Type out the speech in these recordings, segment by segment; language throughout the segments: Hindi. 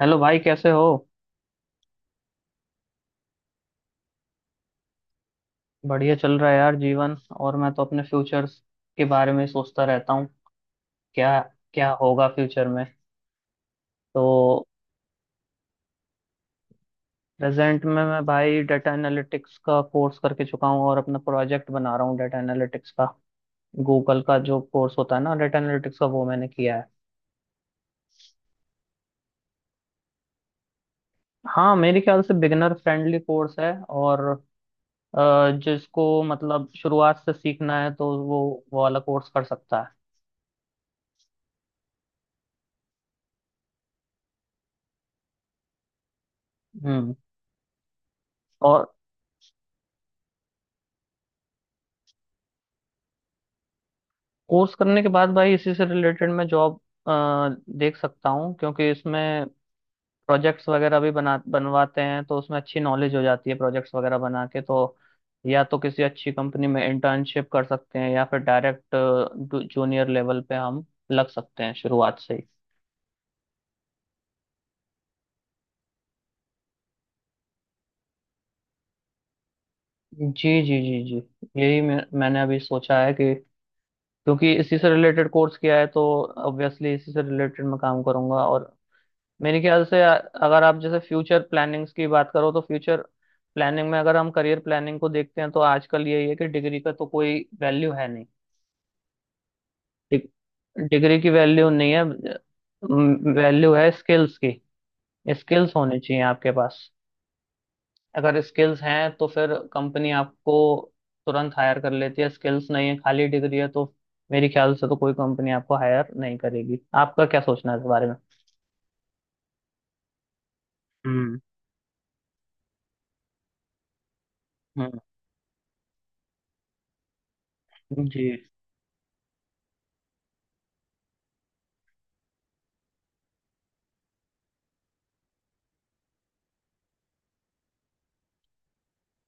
हेलो भाई कैसे हो। बढ़िया चल रहा है यार जीवन। और मैं तो अपने फ्यूचर के बारे में सोचता रहता हूँ क्या क्या होगा फ्यूचर में। तो प्रेजेंट में मैं भाई डाटा एनालिटिक्स का कोर्स करके चुका हूँ और अपना प्रोजेक्ट बना रहा हूँ डाटा एनालिटिक्स का। गूगल का जो कोर्स होता है ना डाटा एनालिटिक्स का वो मैंने किया है। हाँ मेरे ख्याल से बिगनर फ्रेंडली कोर्स है और जिसको मतलब शुरुआत से सीखना है तो वो वाला कोर्स कर सकता है। हम्म। और कोर्स करने के बाद भाई इसी से रिलेटेड मैं जॉब देख सकता हूँ क्योंकि इसमें प्रोजेक्ट्स वगैरह भी बना बनवाते हैं तो उसमें अच्छी नॉलेज हो जाती है प्रोजेक्ट्स वगैरह बना के। तो या तो किसी अच्छी कंपनी में इंटर्नशिप कर सकते हैं या फिर डायरेक्ट जूनियर लेवल पे हम लग सकते हैं शुरुआत से ही। जी जी जी जी यही मैंने अभी सोचा है कि क्योंकि इसी से रिलेटेड कोर्स किया है तो ऑब्वियसली इसी से रिलेटेड मैं काम करूंगा। और मेरे ख्याल से अगर आप जैसे फ्यूचर प्लानिंग्स की बात करो तो फ्यूचर प्लानिंग में अगर हम करियर प्लानिंग को देखते हैं तो आजकल यही है कि डिग्री का तो कोई वैल्यू है नहीं। डिग्री की वैल्यू नहीं है, वैल्यू है स्किल्स की। स्किल्स होने चाहिए आपके पास। अगर स्किल्स हैं तो फिर कंपनी आपको तुरंत हायर कर लेती है, स्किल्स नहीं है खाली डिग्री है तो मेरे ख्याल से तो कोई कंपनी आपको हायर नहीं करेगी। आपका क्या सोचना है इस बारे में। हम्म। हम्म। जी।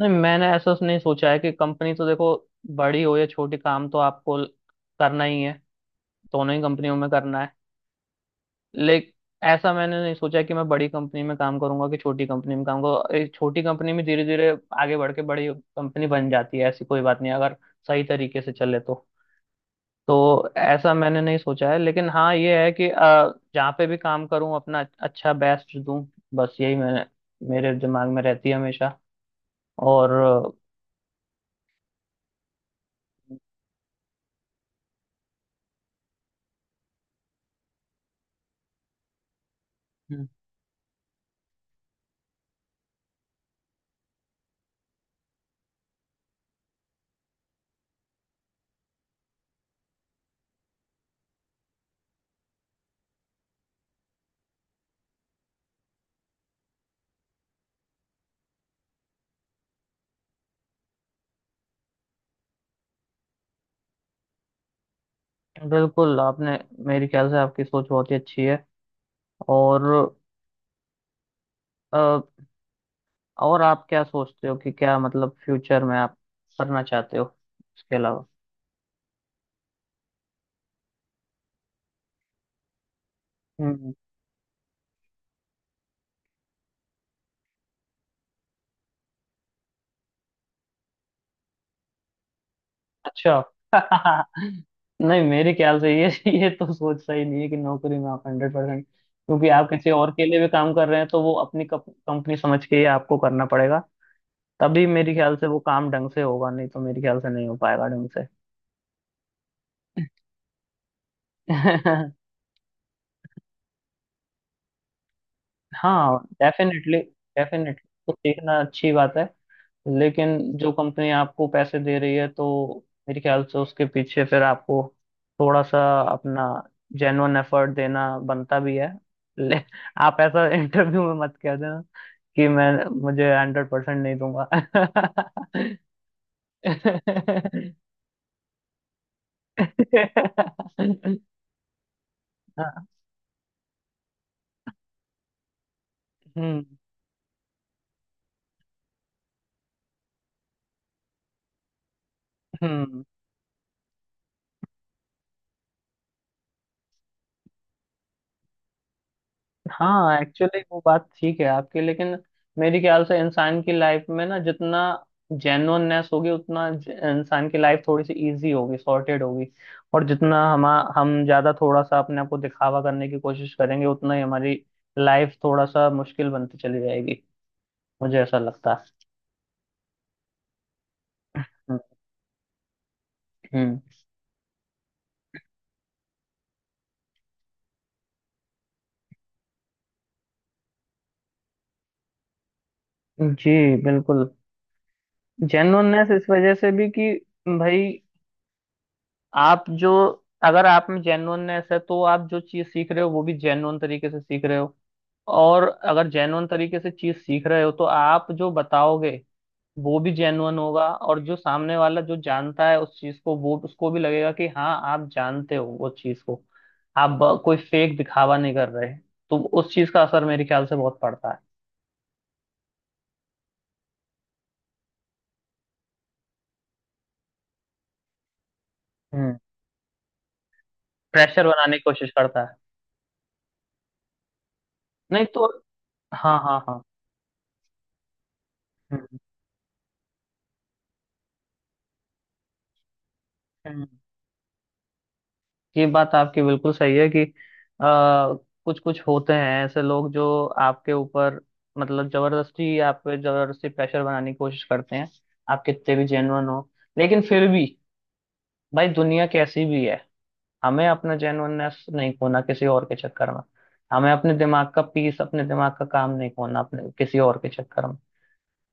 नहीं मैंने नहीं सोचा है कि कंपनी तो देखो बड़ी हो या छोटी काम तो आपको करना ही है, दोनों ही कंपनियों में करना है। लेकिन ऐसा मैंने नहीं सोचा कि मैं बड़ी कंपनी में काम करूंगा कि छोटी कंपनी में काम करूंगा। एक छोटी कंपनी में धीरे धीरे आगे बढ़ के बड़ी कंपनी बन जाती है, ऐसी कोई बात नहीं अगर सही तरीके से चले तो। तो ऐसा मैंने नहीं सोचा है लेकिन हाँ ये है कि जहाँ पे भी काम करूँ अपना अच्छा बेस्ट दूं। बस यही मैंने मेरे दिमाग में रहती है हमेशा। और अ, बिल्कुल आपने, मेरे ख्याल से आपकी सोच बहुत ही अच्छी है। और अ, और आप क्या सोचते हो कि क्या मतलब फ्यूचर में आप करना चाहते हो इसके अलावा। हम्म। अच्छा। नहीं मेरे ख्याल से ये ये तो सोच सही नहीं है कि नौकरी में आप हंड्रेड परसेंट, क्योंकि आप किसी और के लिए भी काम कर रहे हैं तो वो अपनी कंपनी समझ के ही आपको करना पड़ेगा। तभी मेरे ख्याल से वो काम ढंग से होगा नहीं तो मेरे ख्याल से नहीं हो पाएगा ढंग से। हाँ डेफिनेटली। डेफिनेटली तो सीखना अच्छी बात है लेकिन जो कंपनी आपको पैसे दे रही है तो मेरे ख्याल से उसके पीछे फिर आपको थोड़ा सा अपना जेन्युइन एफर्ट देना बनता भी है। ले, आप ऐसा इंटरव्यू में मत कह देना कि मैं मुझे हंड्रेड परसेंट नहीं दूंगा। हाँ। हम्म। हम्म। हाँ एक्चुअली वो बात ठीक है आपकी लेकिन मेरे ख्याल से इंसान की लाइफ में ना जितना जेन्युइननेस होगी उतना इंसान की लाइफ थोड़ी सी इजी होगी सॉर्टेड होगी। और जितना हम ज्यादा थोड़ा सा अपने आप को दिखावा करने की कोशिश करेंगे उतना ही हमारी लाइफ थोड़ा सा मुश्किल बनती चली जाएगी। मुझे ऐसा लगता है। हम्म। हम्म। जी, बिल्कुल। जेन्युइननेस इस वजह से भी कि भाई आप जो अगर आप में जेन्युइननेस है तो आप जो चीज सीख रहे हो वो भी जेन्युइन तरीके से सीख रहे हो। और अगर जेन्युइन तरीके से चीज सीख रहे हो तो आप जो बताओगे वो भी जेन्युइन होगा, और जो सामने वाला जो जानता है उस चीज को वो उसको भी लगेगा कि हाँ आप जानते हो वो चीज को, आप कोई फेक दिखावा नहीं कर रहे। तो उस चीज का असर मेरे ख्याल से बहुत पड़ता है। हम्म। प्रेशर बनाने की कोशिश करता है। नहीं तो। हाँ हाँ हाँ। हम्म। ये बात आपकी बिल्कुल सही है कि आ, कुछ कुछ होते हैं ऐसे लोग जो आपके ऊपर मतलब जबरदस्ती आप पे जबरदस्ती प्रेशर बनाने की कोशिश करते हैं। आप कितने भी जेन्युइन हो लेकिन फिर भी भाई दुनिया कैसी भी है, हमें अपना जेन्युइननेस नहीं खोना किसी और के चक्कर में। हमें अपने दिमाग का पीस अपने दिमाग का काम नहीं खोना अपने किसी और के चक्कर में।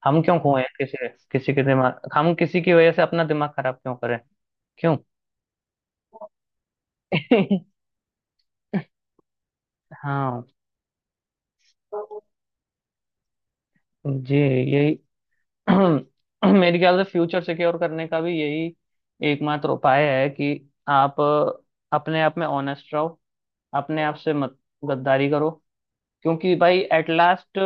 हम क्यों खोए किसी किसी के दिमाग, हम किसी की वजह से अपना दिमाग खराब क्यों करें, क्यों? हाँ। जी, यही मेरे ख्याल से फ्यूचर सिक्योर करने का भी यही एकमात्र उपाय है कि आप अपने आप में ऑनेस्ट रहो, अपने आप से मत गद्दारी करो। क्योंकि भाई एट लास्ट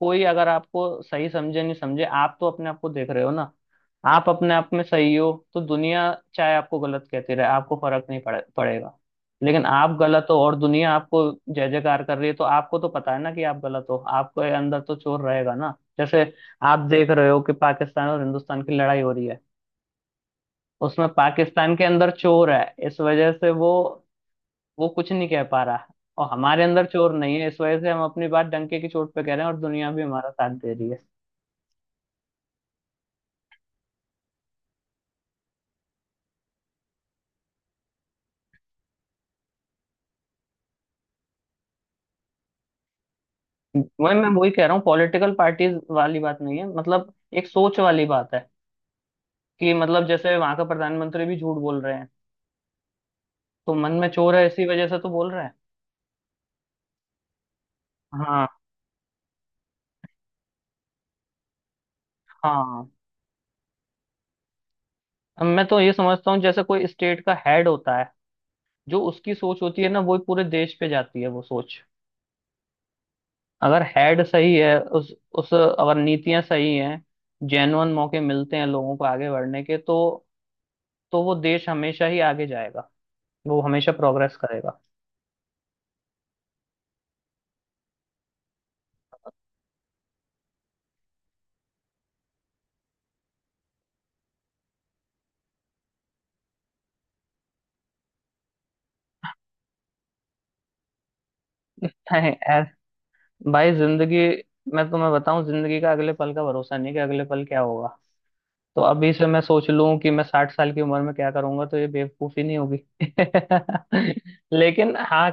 कोई अगर आपको सही समझे नहीं समझे, आप तो अपने आप को देख रहे हो ना। आप अपने आप में सही हो तो दुनिया चाहे आपको गलत कहती रहे आपको फर्क नहीं पड़ेगा। लेकिन आप गलत हो और दुनिया आपको जय जयकार कर रही है तो आपको तो पता है ना कि आप गलत हो, आपके अंदर तो चोर रहेगा ना। जैसे आप देख रहे हो कि पाकिस्तान और हिंदुस्तान की लड़ाई हो रही है, उसमें पाकिस्तान के अंदर चोर है इस वजह से वो कुछ नहीं कह पा रहा। और हमारे अंदर चोर नहीं है इस वजह से हम अपनी बात डंके की चोट पे कह रहे हैं और दुनिया भी हमारा साथ दे रही है। वही कह रहा हूँ, पॉलिटिकल पार्टीज वाली बात नहीं है, मतलब एक सोच वाली बात है। कि मतलब जैसे वहां का प्रधानमंत्री भी झूठ बोल रहे हैं तो मन में चोर है इसी वजह से तो बोल रहे हैं। हाँ। हाँ। अब मैं तो ये समझता हूँ जैसे कोई स्टेट का हेड होता है जो उसकी सोच होती है ना वो पूरे देश पे जाती है वो सोच। अगर हेड सही है उस अगर नीतियां सही हैं, जेन्युइन मौके मिलते हैं लोगों को आगे बढ़ने के तो वो देश हमेशा ही आगे जाएगा, वो हमेशा प्रोग्रेस करेगा। है, ऐ- भाई जिंदगी, मैं तुम्हें बताऊं जिंदगी का अगले पल का भरोसा नहीं कि अगले पल क्या होगा। तो अभी से मैं सोच लूं कि मैं साठ साल की उम्र में क्या करूंगा तो ये बेवकूफी नहीं होगी। लेकिन हाँ,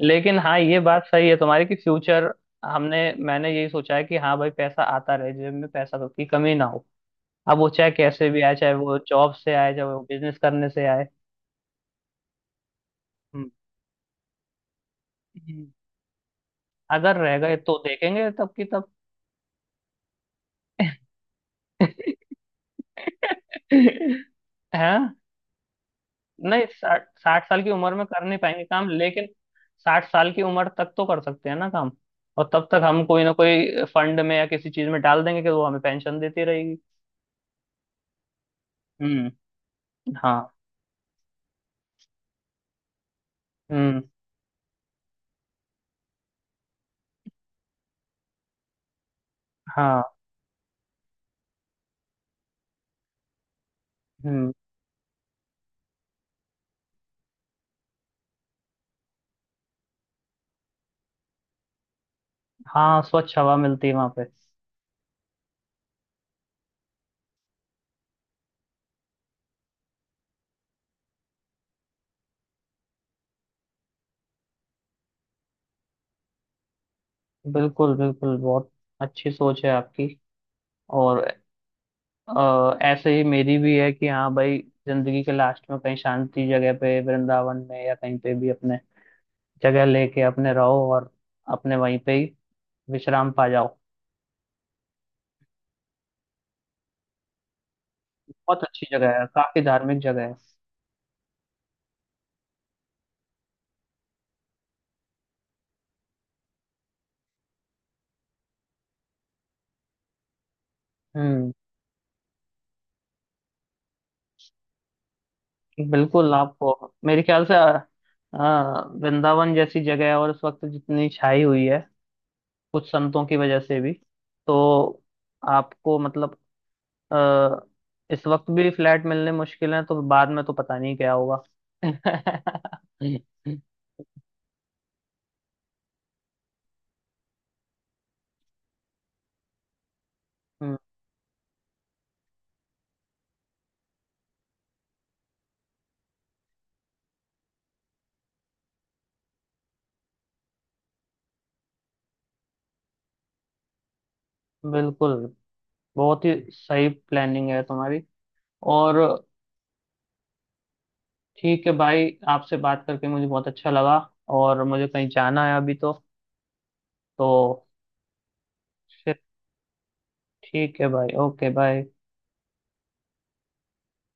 लेकिन हाँ ये बात सही है तुम्हारी कि फ्यूचर, हमने मैंने यही सोचा है कि हाँ भाई पैसा आता रहे जेब में, पैसा तो की कमी ना हो। अब वो चाहे कैसे भी आए, चाहे वो जॉब से आए चाहे वो बिजनेस करने से आए। हम्म। हम्म। अगर रह गए तो देखेंगे तब की तब। हाँ। नहीं साठ साठ साल की उम्र में कर नहीं पाएंगे काम, लेकिन साठ साल की उम्र तक तो कर सकते हैं ना काम। और तब तक हम कोई ना कोई फंड में या किसी चीज में डाल देंगे कि वो हमें पेंशन देती रहेगी। हम्म। हाँ। हम्म। हाँ। हम्म। हाँ, स्वच्छ हवा मिलती है वहां पे। बिल्कुल बिल्कुल, बहुत अच्छी सोच है आपकी। और ऐसे ही मेरी भी है कि हाँ भाई जिंदगी के लास्ट में कहीं शांति जगह पे वृंदावन में या कहीं पे भी अपने जगह लेके अपने रहो और अपने वहीं पे ही विश्राम पा जाओ। बहुत अच्छी जगह है, काफी धार्मिक जगह है। हम्म, बिल्कुल। आपको मेरे ख्याल से अ, वृंदावन जैसी जगह है और इस वक्त जितनी छाई हुई है कुछ संतों की वजह से भी, तो आपको मतलब अ, इस वक्त भी फ्लैट मिलने मुश्किल है तो बाद में तो पता नहीं क्या होगा। हम्म, बिल्कुल। बहुत ही सही प्लानिंग है तुम्हारी। और ठीक है भाई आपसे बात करके मुझे बहुत अच्छा लगा। और मुझे कहीं जाना है अभी तो फिर ठीक है भाई, ओके बाय।